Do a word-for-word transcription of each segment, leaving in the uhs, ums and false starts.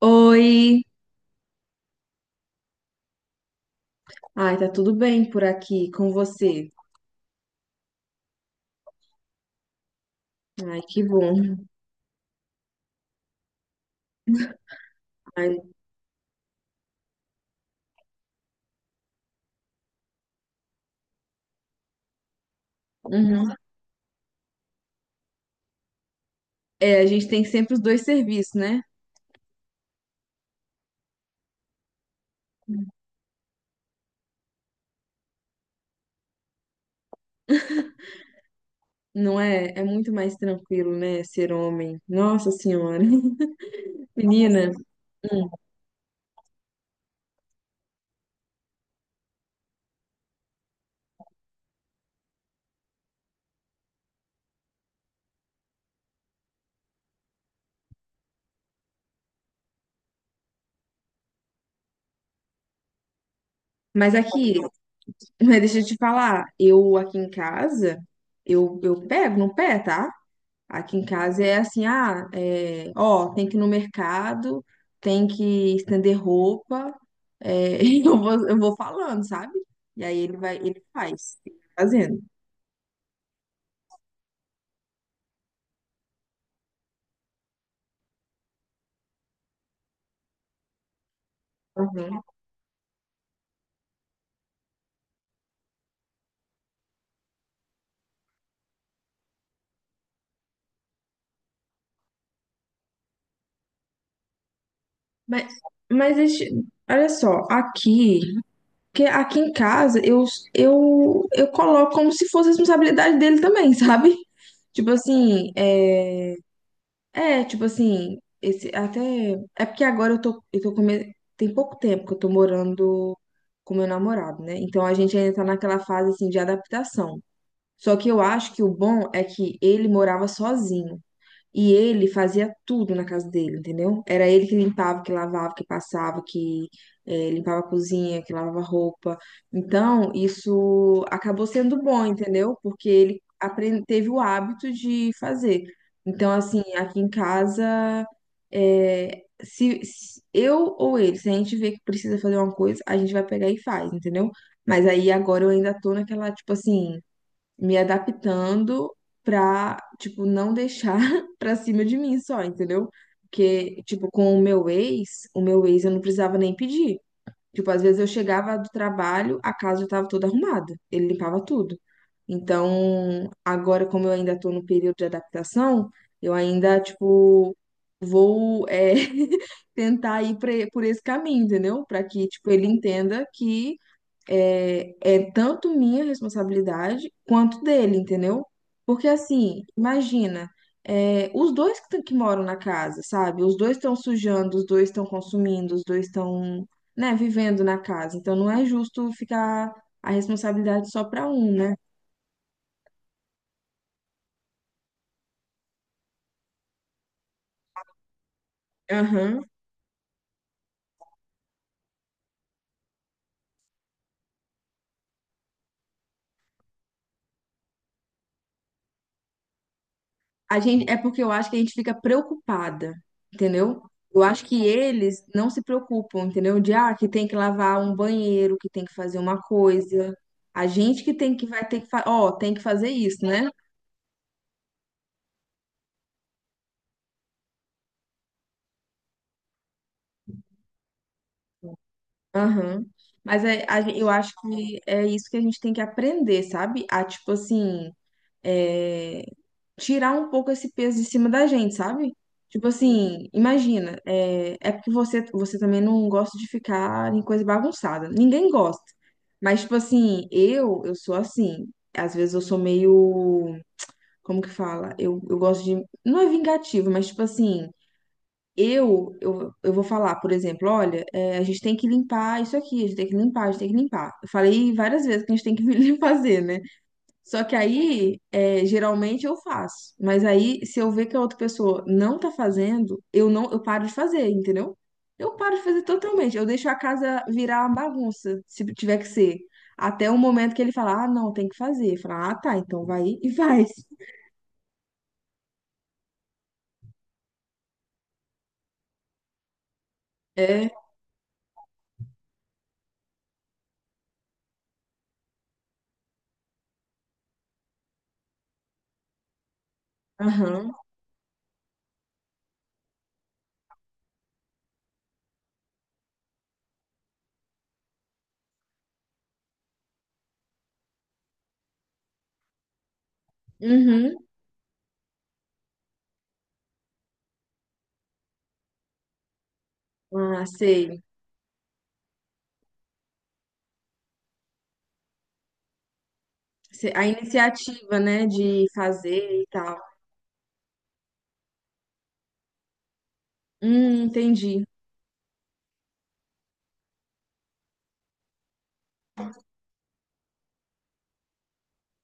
Oi, ai, tá tudo bem por aqui com você? Ai, que bom. Ai, uhum. É, a gente tem sempre os dois serviços, né? Não é? É muito mais tranquilo, né? Ser homem. Nossa Senhora, menina. hum. Mas aqui, mas deixa eu te falar, eu aqui em casa, eu, eu pego no pé, tá? Aqui em casa é assim, ah, é, ó, tem que ir no mercado, tem que estender roupa. É, eu vou, eu vou falando, sabe? E aí ele vai, ele faz, ele vai fazendo. Uhum. Mas, mas este- Olha só, aqui, que aqui em casa eu, eu, eu coloco como se fosse responsabilidade dele também, sabe? Tipo assim, é, é tipo assim, esse até é porque agora eu tô, eu tô come- Tem pouco tempo que eu tô morando com meu namorado, né? Então a gente ainda tá naquela fase assim de adaptação. Só que eu acho que o bom é que ele morava sozinho e ele fazia tudo na casa dele, entendeu? Era ele que limpava, que lavava, que passava, que eh, limpava a cozinha, que lavava roupa. Então, isso acabou sendo bom, entendeu? Porque ele apren- teve o hábito de fazer. Então, assim, aqui em casa, eh, se, se eu ou ele, se a gente vê que precisa fazer uma coisa, a gente vai pegar e faz, entendeu? Mas aí agora eu ainda tô naquela, tipo assim, me adaptando pra, tipo, não deixar pra cima de mim só, entendeu? Porque, tipo, com o meu ex, o meu ex eu não precisava nem pedir. Tipo, às vezes eu chegava do trabalho, a casa já tava toda arrumada, ele limpava tudo. Então, agora, como eu ainda tô no período de adaptação, eu ainda, tipo, vou, é, tentar ir pra- por esse caminho, entendeu? Pra que, tipo, ele entenda que é, é tanto minha responsabilidade quanto dele, entendeu? Porque assim, imagina, é, os dois que, tão- que moram na casa, sabe? Os dois estão sujando, os dois estão consumindo, os dois estão, né, vivendo na casa. Então não é justo ficar a responsabilidade só para um, né? Aham. A gente, é porque eu acho que a gente fica preocupada, entendeu? Eu acho que eles não se preocupam, entendeu? De, ah, que tem que lavar um banheiro, que tem que fazer uma coisa. A gente que tem que vai ter que, fa- ó, tem que fazer isso, né? Aham. Mas é, a gen- eu acho que é isso que a gente tem que aprender, sabe? A, tipo assim, é, tirar um pouco esse peso de cima da gente, sabe? Tipo assim, imagina, é, é porque você, você também não gosta de ficar em coisa bagunçada. Ninguém gosta. Mas, tipo assim, eu, eu sou assim. Às vezes eu sou meio. Como que fala? Eu, eu gosto de. Não é vingativo, mas, tipo assim, eu, eu, eu vou falar, por exemplo, olha, é, a gente tem que limpar isso aqui, a gente tem que limpar, a gente tem que limpar. Eu falei várias vezes que a gente tem que limpar, fazer, né? Só que aí, é, geralmente eu faço. Mas aí, se eu ver que a outra pessoa não tá fazendo, eu não, eu paro de fazer, entendeu? Eu paro de fazer totalmente. Eu deixo a casa virar uma bagunça, se tiver que ser. Até o momento que ele falar, ah, não, tem que fazer. Falar, ah, tá, então vai e faz. É, aham, uhum. Ah, sei. Se- A iniciativa, né, de fazer e tal. Hum, entendi.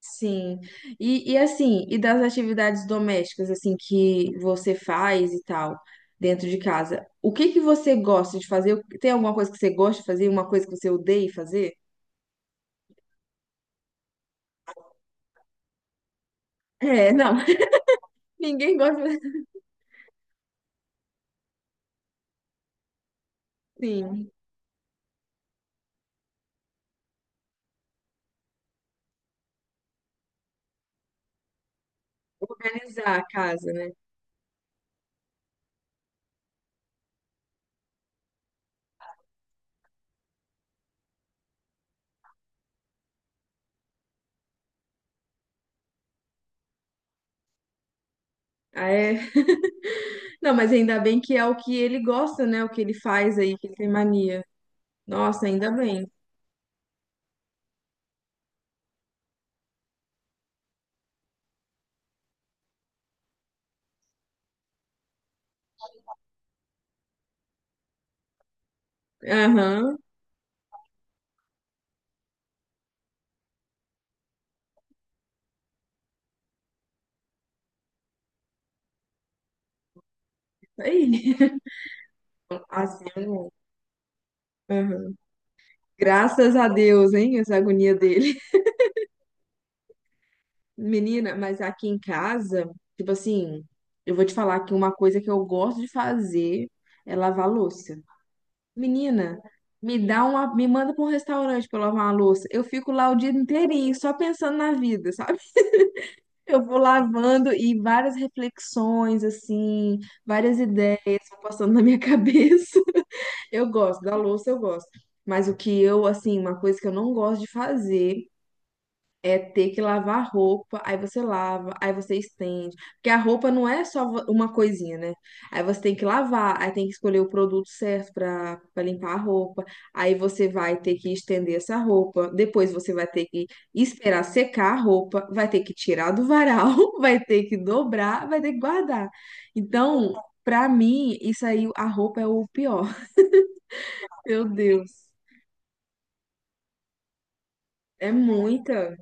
Sim. E, e assim, e das atividades domésticas assim que você faz e tal dentro de casa, o que que você gosta de fazer? O- Tem alguma coisa que você gosta de fazer, uma coisa que você odeia fazer? É, não, ninguém gosta de assim, organizar a casa, né? Ah, é. Não, mas ainda bem que é o que ele gosta, né? O que ele faz aí, que ele tem mania. Nossa, ainda bem. Aham. Aí. Assim, eu não- Aham. Graças a Deus, hein? Essa agonia dele. Menina, mas aqui em casa, tipo assim, eu vou te falar que uma coisa que eu gosto de fazer é lavar louça. Menina, me dá uma, me manda para um restaurante para lavar uma louça. Eu fico lá o dia inteirinho só pensando na vida, sabe? Eu vou lavando e várias reflexões assim, várias ideias vão passando na minha cabeça. Eu gosto da louça, eu gosto. Mas o que eu, assim, uma coisa que eu não gosto de fazer é ter que lavar roupa, aí você lava, aí você estende. Porque a roupa não é só vo- uma coisinha, né? Aí você tem que lavar, aí tem que escolher o produto certo para para limpar a roupa. Aí você vai ter que estender essa roupa. Depois você vai ter que esperar secar a roupa, vai ter que tirar do varal, vai ter que dobrar, vai ter que guardar. Então, pra mim, isso aí, a roupa é o pior. Meu Deus, é muita.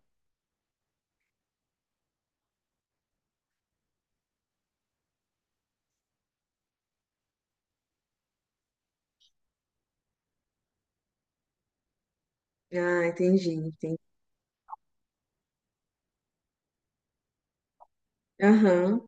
Ah, entendi, entendi. Aham.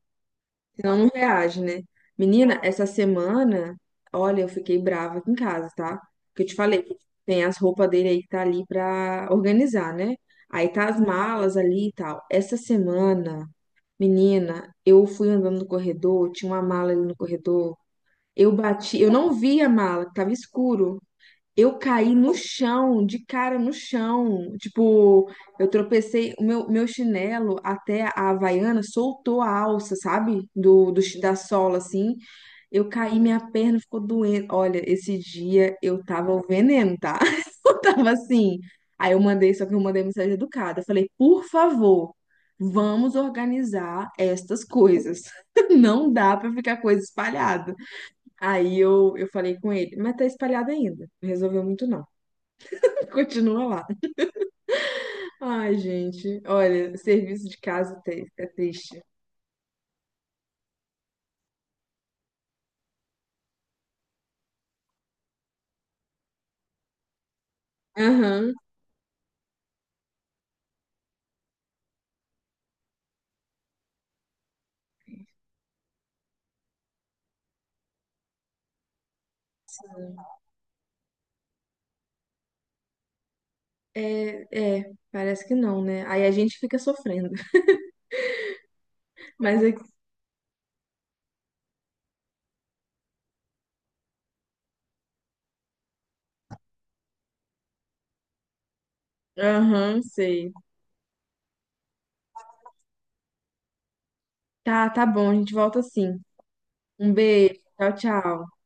Senão não reage, né? Menina, essa semana, olha, eu fiquei brava aqui em casa, tá? Porque eu te falei que tem as roupas dele aí que tá ali pra organizar, né? Aí tá as malas ali e tal. Essa semana, menina, eu fui andando no corredor, tinha uma mala ali no corredor. Eu bati, eu não vi a mala, que tava escuro. Eu caí no chão, de cara no chão. Tipo, eu tropecei, o meu, meu chinelo até a Havaiana soltou a alça, sabe? Do, do, chi- da sola, assim. Eu caí, minha perna ficou doendo. Olha, esse dia eu tava o veneno, tá? Eu tava assim. Aí eu mandei, só que eu mandei mensagem educada. Eu falei, por favor, vamos organizar estas coisas. Não dá pra ficar coisa espalhada. Aí eu, eu falei com ele, mas tá espalhado ainda. Não resolveu muito, não. Continua lá. Ai, gente, olha, serviço de casa tri- é triste. Aham, é, é, parece que não, né? Aí a gente fica sofrendo. Mas, é- aham, sei. Tá, tá bom, a gente volta assim. Um beijo, tchau, tchau.